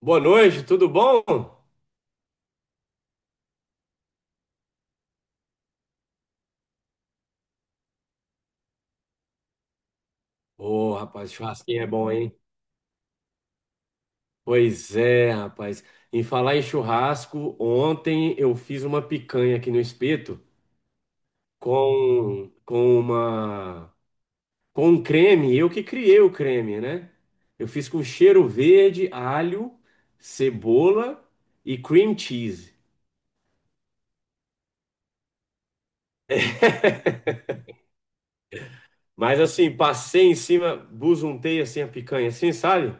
Boa noite, tudo bom? Ô, rapaz, churrasquinho é bom, hein? Pois é, rapaz. Em falar em churrasco, ontem eu fiz uma picanha aqui no espeto com uma com um creme, eu que criei o creme, né? Eu fiz com cheiro verde, alho, cebola e cream cheese. Mas assim, passei em cima, busuntei assim a picanha, assim, sabe?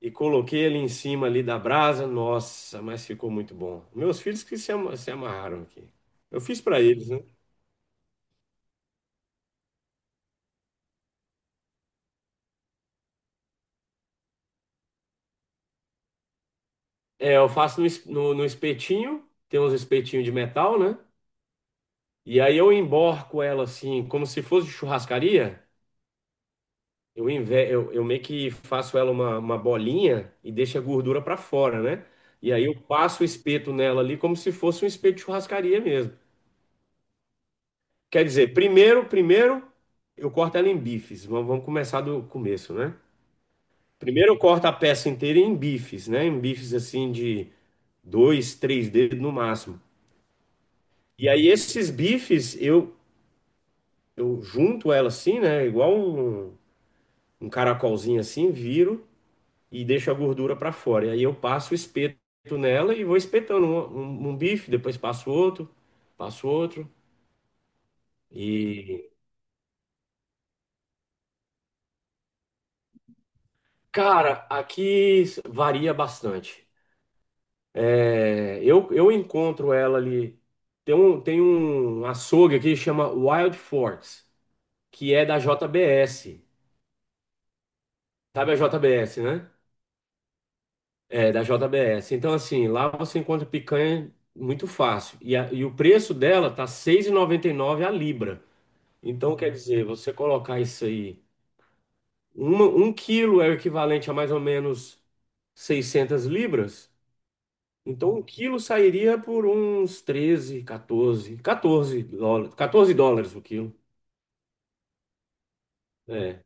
E coloquei ele em cima ali da brasa. Nossa, mas ficou muito bom. Meus filhos que se, ama- se amarraram aqui. Eu fiz para eles, né? É, eu faço no espetinho. Tem uns espetinhos de metal, né? E aí eu emborco ela assim, como se fosse de churrascaria. Eu meio que faço ela uma bolinha e deixo a gordura para fora, né? E aí eu passo o espeto nela ali como se fosse um espeto de churrascaria mesmo. Quer dizer, primeiro eu corto ela em bifes. Vamos começar do começo, né? Primeiro eu corto a peça inteira em bifes, né? Em bifes assim de dois, três dedos no máximo. E aí esses bifes eu junto ela assim, né? Igual um caracolzinho assim, viro e deixo a gordura para fora. E aí eu passo o espeto nela e vou espetando um bife, depois passo outro, passo outro. E cara, aqui varia bastante. É, eu encontro ela ali. Tem um açougue aqui que chama Wild Forks, que é da JBS. Sabe a JBS, né? É, da JBS. Então, assim, lá você encontra picanha muito fácil. E, e o preço dela tá seis e noventa e nove a libra. Então, quer dizer, você colocar isso aí, um quilo é o equivalente a mais ou menos 600 libras. Então, um quilo sairia por uns 13, 14, 14 dólares, 14 dólares o quilo. É.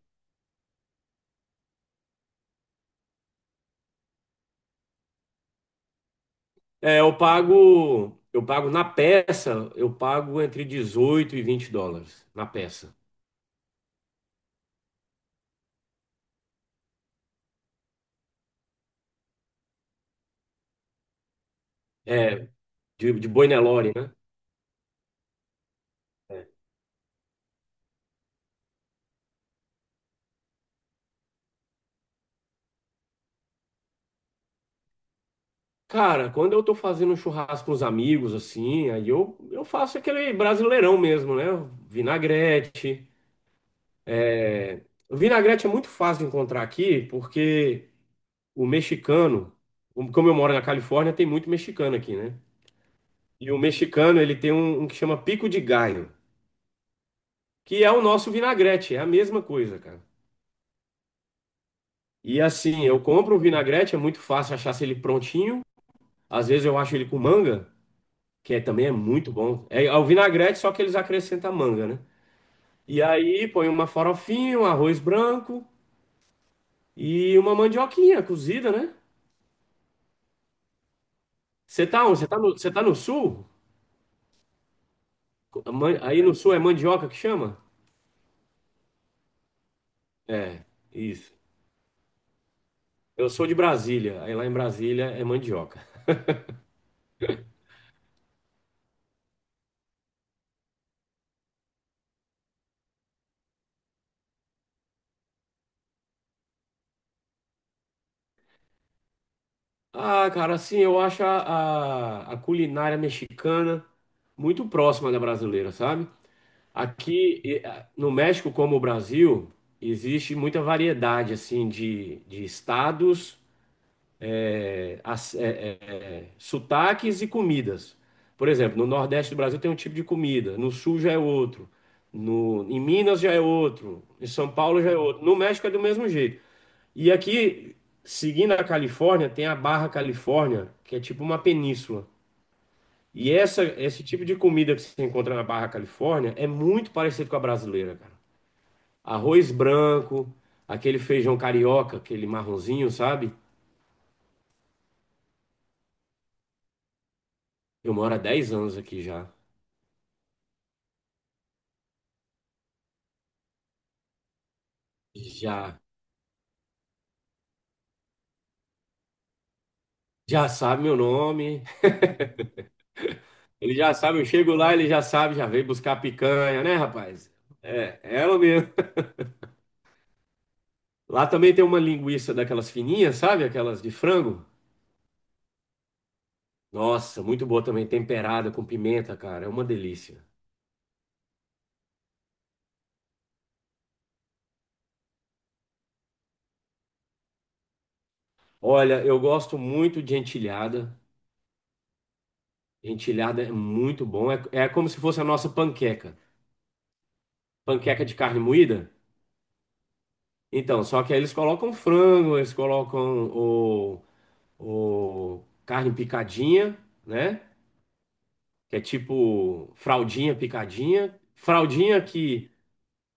É, eu pago na peça, eu pago entre 18 e 20 dólares na peça. É, de boi Nelore, né? Cara, quando eu tô fazendo um churrasco com os amigos, assim, eu faço aquele brasileirão mesmo, né? Vinagrete. É, o vinagrete é muito fácil de encontrar aqui, porque o mexicano, como eu moro na Califórnia, tem muito mexicano aqui, né? E o mexicano, ele tem um que chama pico de galho, que é o nosso vinagrete, é a mesma coisa, cara. E assim, eu compro o vinagrete, é muito fácil achar ele prontinho. Às vezes eu acho ele com manga, também é muito bom. É o vinagrete, só que eles acrescentam manga, né? E aí põe uma farofinha, um arroz branco e uma mandioquinha cozida, né? Você tá onde? Você tá você tá no sul? Aí no sul é mandioca que chama? É, isso. Eu sou de Brasília, aí lá em Brasília é mandioca. Ah, cara, assim, eu acho a culinária mexicana muito próxima da brasileira, sabe? Ah, no México, como o Brasil, existe muita variedade, assim, de estados, eh, as- eh, sotaques e comidas. Por exemplo, no Nordeste do Brasil tem um tipo de comida, no Sul já é outro, no, em Minas já é outro, em São Paulo já é outro. No México é do mesmo jeito. E aqui, seguindo a Califórnia, tem a Barra Califórnia, que é tipo uma península. Esse tipo de comida que você encontra na Barra Califórnia é muito parecido com a brasileira, cara. Arroz branco, aquele feijão carioca, aquele marronzinho, sabe? Eu moro há 10 anos aqui já. Já, já sabe meu nome. Ele já sabe, eu chego lá, ele já sabe, já veio buscar a picanha, né, rapaz? É, é ela mesmo. Lá também tem uma linguiça daquelas fininhas, sabe? Aquelas de frango. Nossa, muito boa também, temperada com pimenta, cara, é uma delícia. Olha, eu gosto muito de entilhada. Entilhada é muito bom, é como se fosse a nossa panqueca. Panqueca de carne moída? Então, só que aí eles colocam frango, eles colocam o carne picadinha, né? Que é tipo fraldinha picadinha. Fraldinha que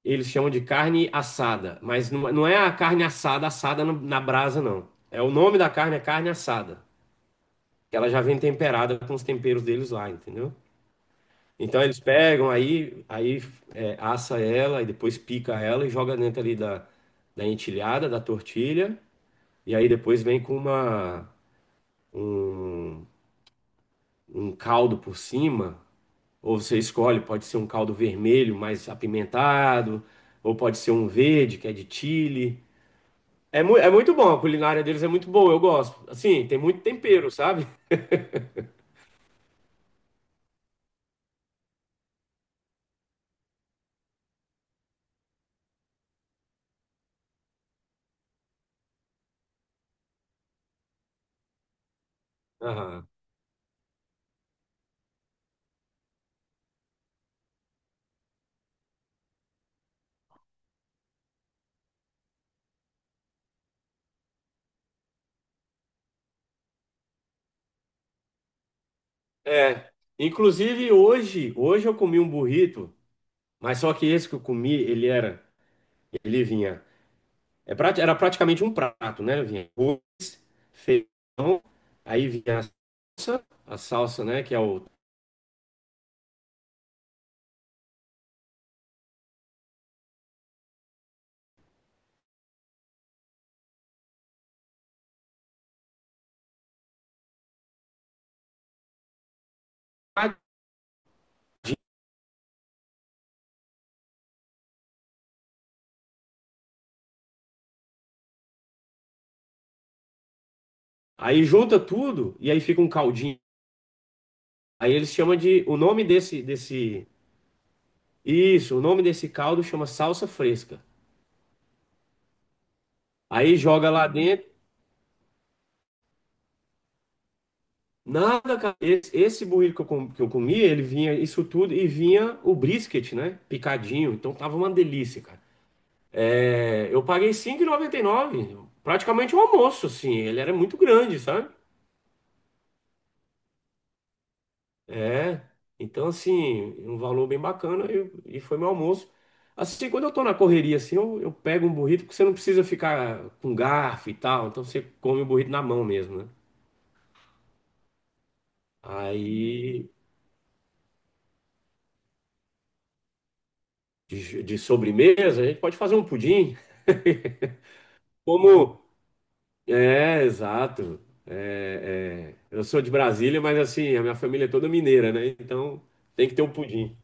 eles chamam de carne assada, mas não é a carne assada assada na brasa, não. É o nome da carne, é carne assada. Que ela já vem temperada com os temperos deles lá, entendeu? Então eles pegam, assa ela e depois pica ela e joga dentro ali da entilhada, da tortilha, e aí depois vem com um, um caldo por cima, ou você escolhe, pode ser um caldo vermelho mais apimentado, ou pode ser um verde, que é de chili. É, mu é muito bom, a culinária deles é muito boa, eu gosto. Assim, tem muito tempero, sabe? Aham. É, inclusive hoje eu comi um burrito, mas só que esse que eu comi, ele era, ele vinha, era praticamente um prato, né? Vinha arroz, feijão, aí vinha a salsa, né, que é o tadinho. Aí junta tudo e aí fica um caldinho. Aí eles chamam de, o nome o nome desse caldo chama salsa fresca. Aí joga lá dentro. Nada, cara. Esse burrito que eu comi, ele vinha isso tudo e vinha o brisket, né? Picadinho. Então tava uma delícia, cara. É, eu paguei cinco e noventa e nove. Praticamente um almoço, assim. Ele era muito grande, sabe? É. Então, assim, um valor bem bacana e foi meu almoço. Assim, quando eu tô na correria, assim, eu pego um burrito, porque você não precisa ficar com garfo e tal. Então você come o burrito na mão mesmo, né? Aí, de sobremesa, a gente pode fazer um pudim. Como, é, exato. É, é. Eu sou de Brasília, mas assim, a minha família é toda mineira, né? Então tem que ter um pudim.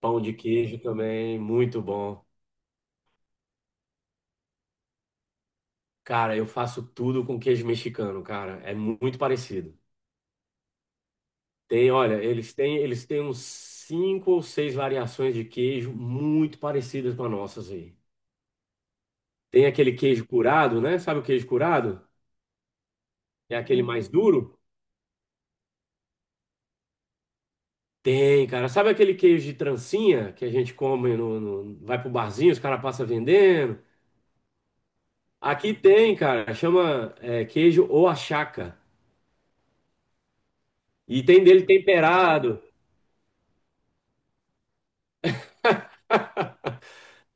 Pão de queijo também, muito bom. Cara, eu faço tudo com queijo mexicano, cara. Muito parecido. Tem, olha, eles têm uns 5 ou 6 variações de queijo muito parecidas com as nossas aí. Tem aquele queijo curado, né? Sabe o queijo curado? É aquele mais duro. Tem, cara. Sabe aquele queijo de trancinha que a gente come vai pro barzinho, os caras passam vendendo? Aqui tem, cara. Chama é, queijo ou achaca. E tem dele temperado.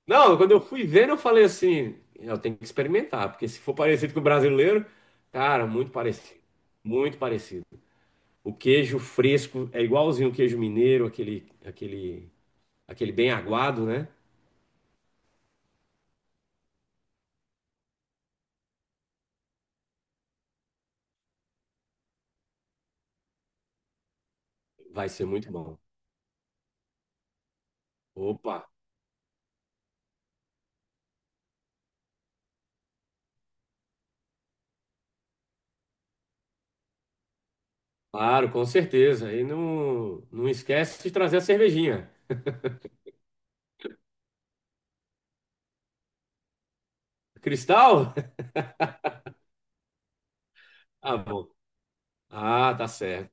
Não, quando eu fui vendo, eu falei assim, eu tenho que experimentar, porque se for parecido com o brasileiro, cara, muito parecido. Muito parecido. O queijo fresco é igualzinho o queijo mineiro, aquele bem aguado, né? Vai ser muito bom. Opa! Claro, com certeza. E não esquece de trazer a cervejinha. Cristal? Ah, bom. Ah, tá certo.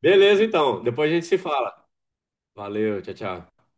Beleza, então. Depois a gente se fala. Valeu, tchau, tchau.